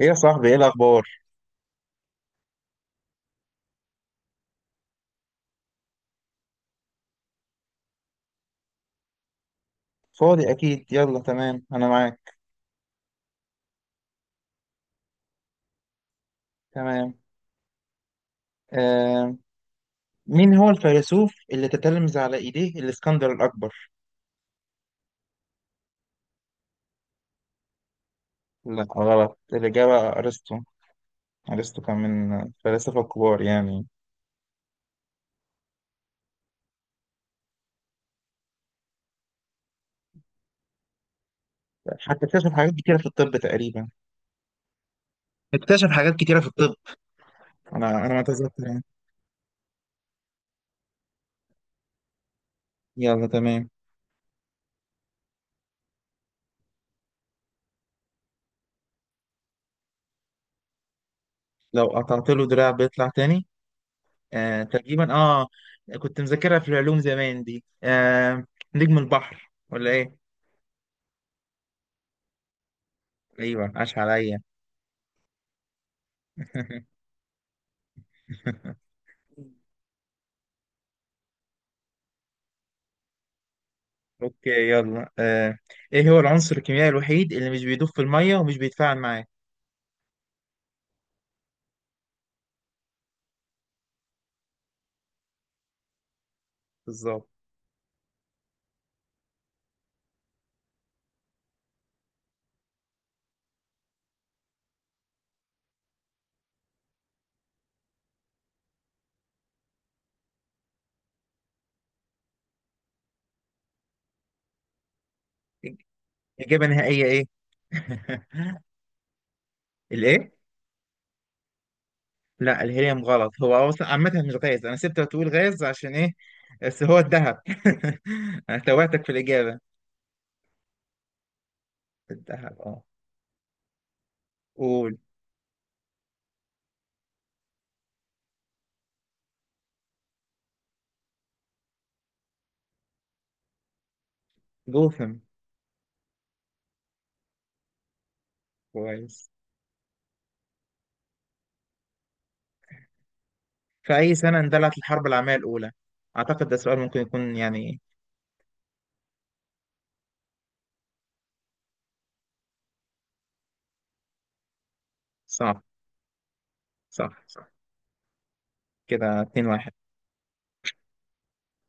ايه يا صاحبي، ايه الاخبار؟ فاضي اكيد. يلا تمام، انا معاك. تمام. آه مين هو الفيلسوف اللي تتلمذ على ايديه الاسكندر الاكبر؟ لا، غلط. الاجابه ارسطو. ارسطو كان من الفلاسفه الكبار يعني. حتى اكتشف حاجات كتيره في الطب تقريبا. اكتشف حاجات كتيره في الطب. انا ما اتذكر يعني. يلا تمام. لو قطعت له دراع بيطلع تاني؟ آه تقريبا. اه كنت مذاكرها في العلوم زمان دي. نجم البحر ولا ايه؟ ايوه، عاش عليا. اوكي يلا. ايه هو العنصر الكيميائي الوحيد اللي مش بيدوب في الميه ومش بيتفاعل معاه؟ بالظبط. اجابه نهائيه ايه؟ الايه؟ لا، الهيليوم غلط. هو اصلا عامه مش غاز، انا سبت تقول غاز عشان ايه؟ بس هو الذهب. انا توهتك في الاجابه. الذهب اه. قول. جوثم. كويس. في اي سنه اندلعت الحرب العالميه الاولى؟ اعتقد ده سؤال ممكن يكون يعني صعب. صح صح. كده 2-1.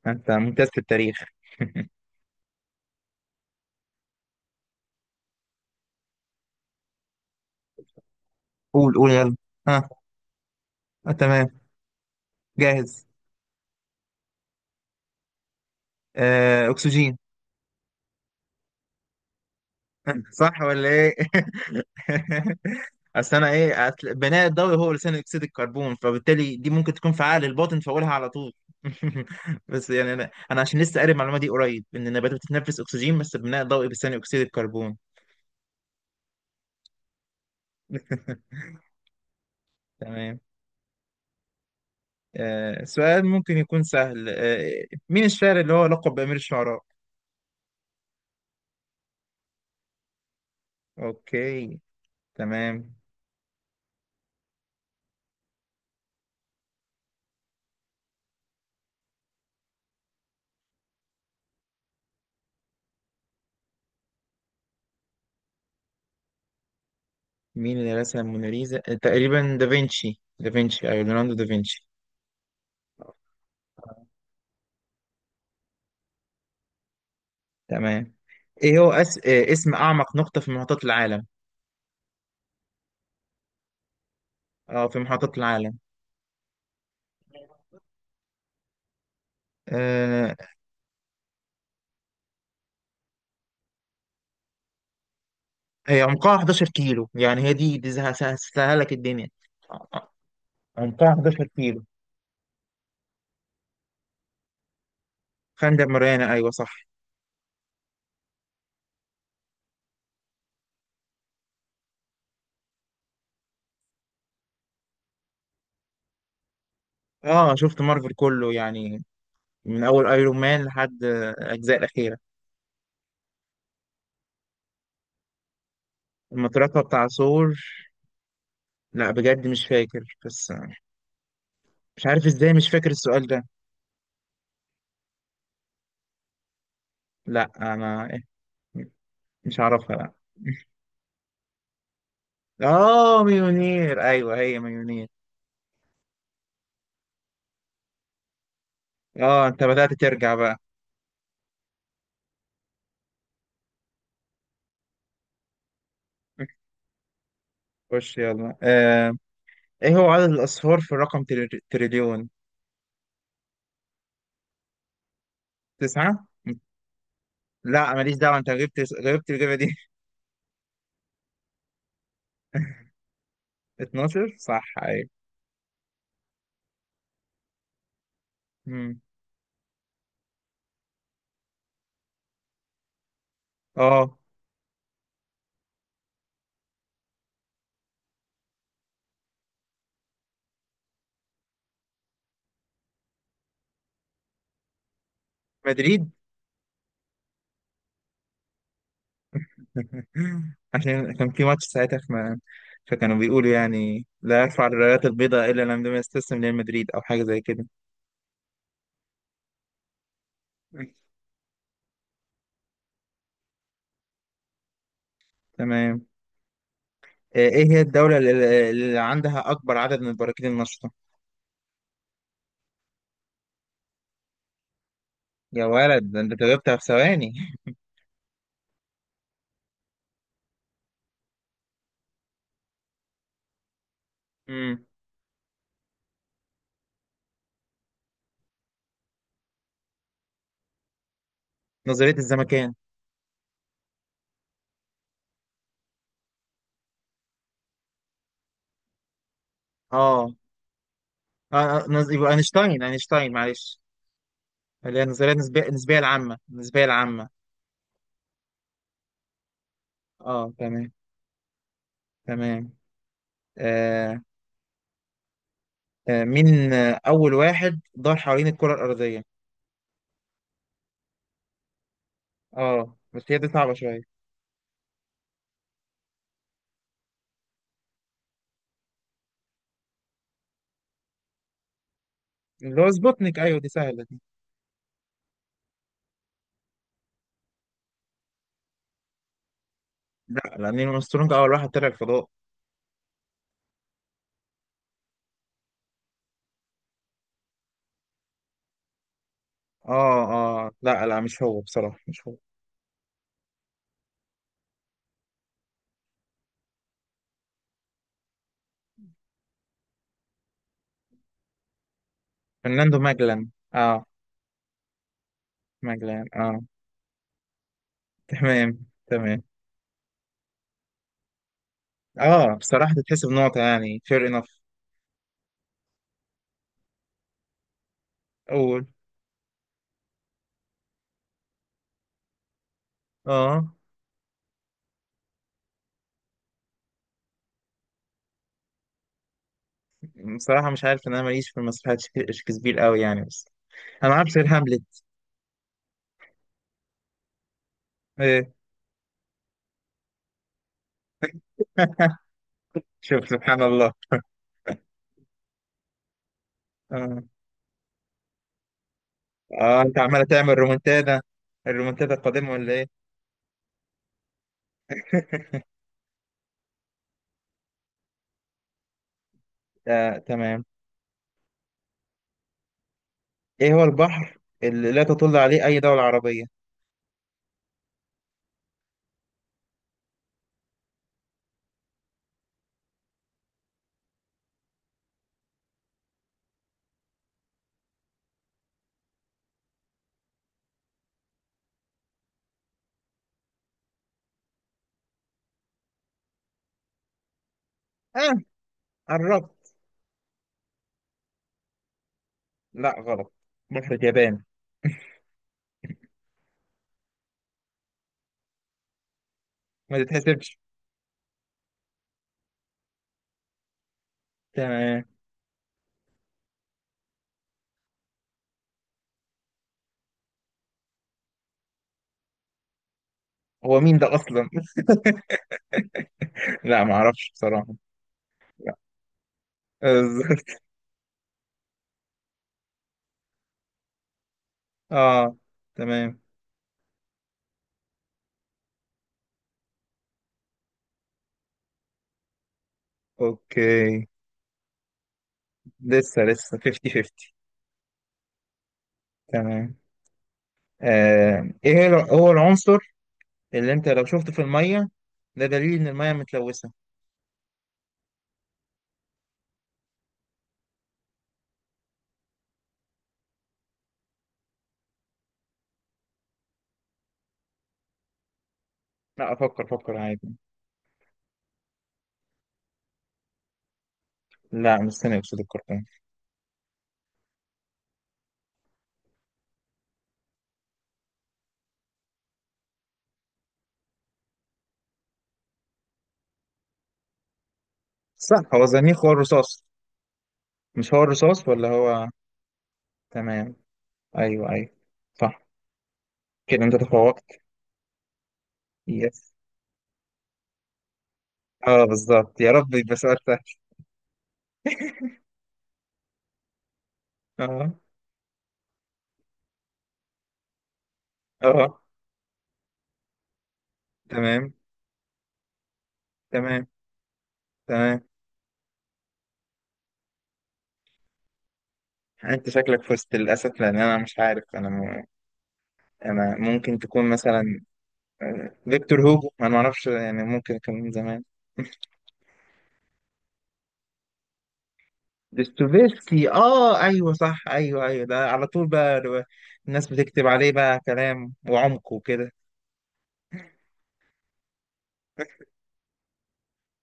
انت ممتاز في التاريخ. قول قول يلا. ها. آه. تمام. جاهز. اكسجين. صح ولا ايه؟ اصل انا ايه أصل بناء الضوئي هو ثاني اكسيد الكربون، فبالتالي دي ممكن تكون فعال الباطن فاقولها على طول. بس يعني، انا عشان لسه قاري المعلومه دي قريب ان النباتات بتتنفس اكسجين، بس بناء الضوئي بثاني اكسيد الكربون. تمام. سؤال ممكن يكون سهل. مين الشاعر اللي هو لقب بأمير الشعراء؟ اوكي تمام. مين اللي رسم موناليزا؟ تقريبا دافنشي دافنشي، ايوه ليوناردو دافنشي. تمام. إيه اسم اعمق نقطة في محيطات العالم؟ اه، في محيطات العالم. آه... هي عمقها 11 كيلو. يعني هي دي سهلك الدنيا. آه، آه، عمقها 11 كيلو. خندق ماريانا، ايوه صح. اه شفت مارفل كله يعني، من اول ايرون مان لحد الاجزاء الاخيرة. المطرقة بتاع ثور. لا بجد مش فاكر، بس مش عارف ازاي مش فاكر السؤال ده. لا انا مش عارفها لا. اه مليونير، ايوه هي مليونير. اه انت بدأت ترجع بقى. خش يلا. ايه هو عدد الاصفار في الرقم تريليون؟ تسعة. لا ماليش دعوة، انت غبت. غبت الإجابة دي. 12، صح ايوه. مم. اه مدريد. عشان كان في ماتش ساعتها فكانوا بيقولوا يعني لا يرفع الرايات البيضاء الا لما يستسلم لريال مدريد او حاجة زي كده. تمام. ايه هي الدولة اللي عندها اكبر عدد من البراكين النشطة؟ يا ولد، ده انت جبتها في ثواني. نظرية الزمكان. اه. يبقى اينشتاين اينشتاين معلش. اللي هي النظرية النسبية، النسبية العامة، النسبية العامة. اه تمام تمام. آه آه مين آه، أول واحد دار حوالين الكرة الأرضية. اه، بس هي دي صعبة شوية. اللي هو سبوتنيك، أيوه دي سهلة دي. لا، لأن نيل أرمسترونج أول واحد طلع الفضاء. اه. اه لا لا، مش هو بصراحة مش هو. فرناندو ماجلان. اه ماجلان اه. تمام تمام. اه بصراحة تتحسب نقطة، يعني fair enough. أول. اه بصراحة مش عارف إن أنا ماليش في مسرحيات شكسبير قوي يعني بس. أنا عارف غير هاملت. إيه؟ شوف سبحان الله. آه. أنت عمالة تعمل رومنتادا، الرومنتادا القادمة ولا إيه؟ تمام. إيه هو البحر اللي لا تطل عليه أي دولة عربية؟ آه، قربت. لا، غلط. بحر اليابان. ما تتحسبش. تمام. هو مين ده أصلا؟ لا ما أعرفش بصراحة. لا. بالظبط. آه، تمام. أوكي. لسه لسه 50-50. تمام. هو العنصر اللي انت لو شفته في الميه ده دليل ان الميه متلوثه. لا، افكر فكر عادي. لا مش ثاني اكسيد الكربون. صح، هو زنيخ، هو الرصاص. مش هو الرصاص ولا هو؟ تمام. ايوه ايوه. صح. كده انت تفوقت. يس. اه بالظبط، يا رب يبقى سؤال سهل. اه اه. تمام تمام تمام. انت شكلك فزت للاسف، لان انا مش عارف. انا ممكن تكون مثلا فيكتور هوجو. انا ما اعرفش يعني، ممكن كان من زمان. دوستويفسكي اه، ايوه صح، ايوه ايوه، ده على طول بقى الناس بتكتب عليه بقى كلام وعمق وكده.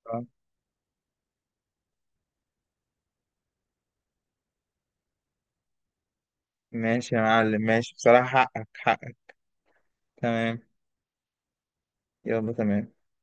آه، ماشي يا معلم. ماشي بصراحة، حقك حقك. تمام، يلا تمام.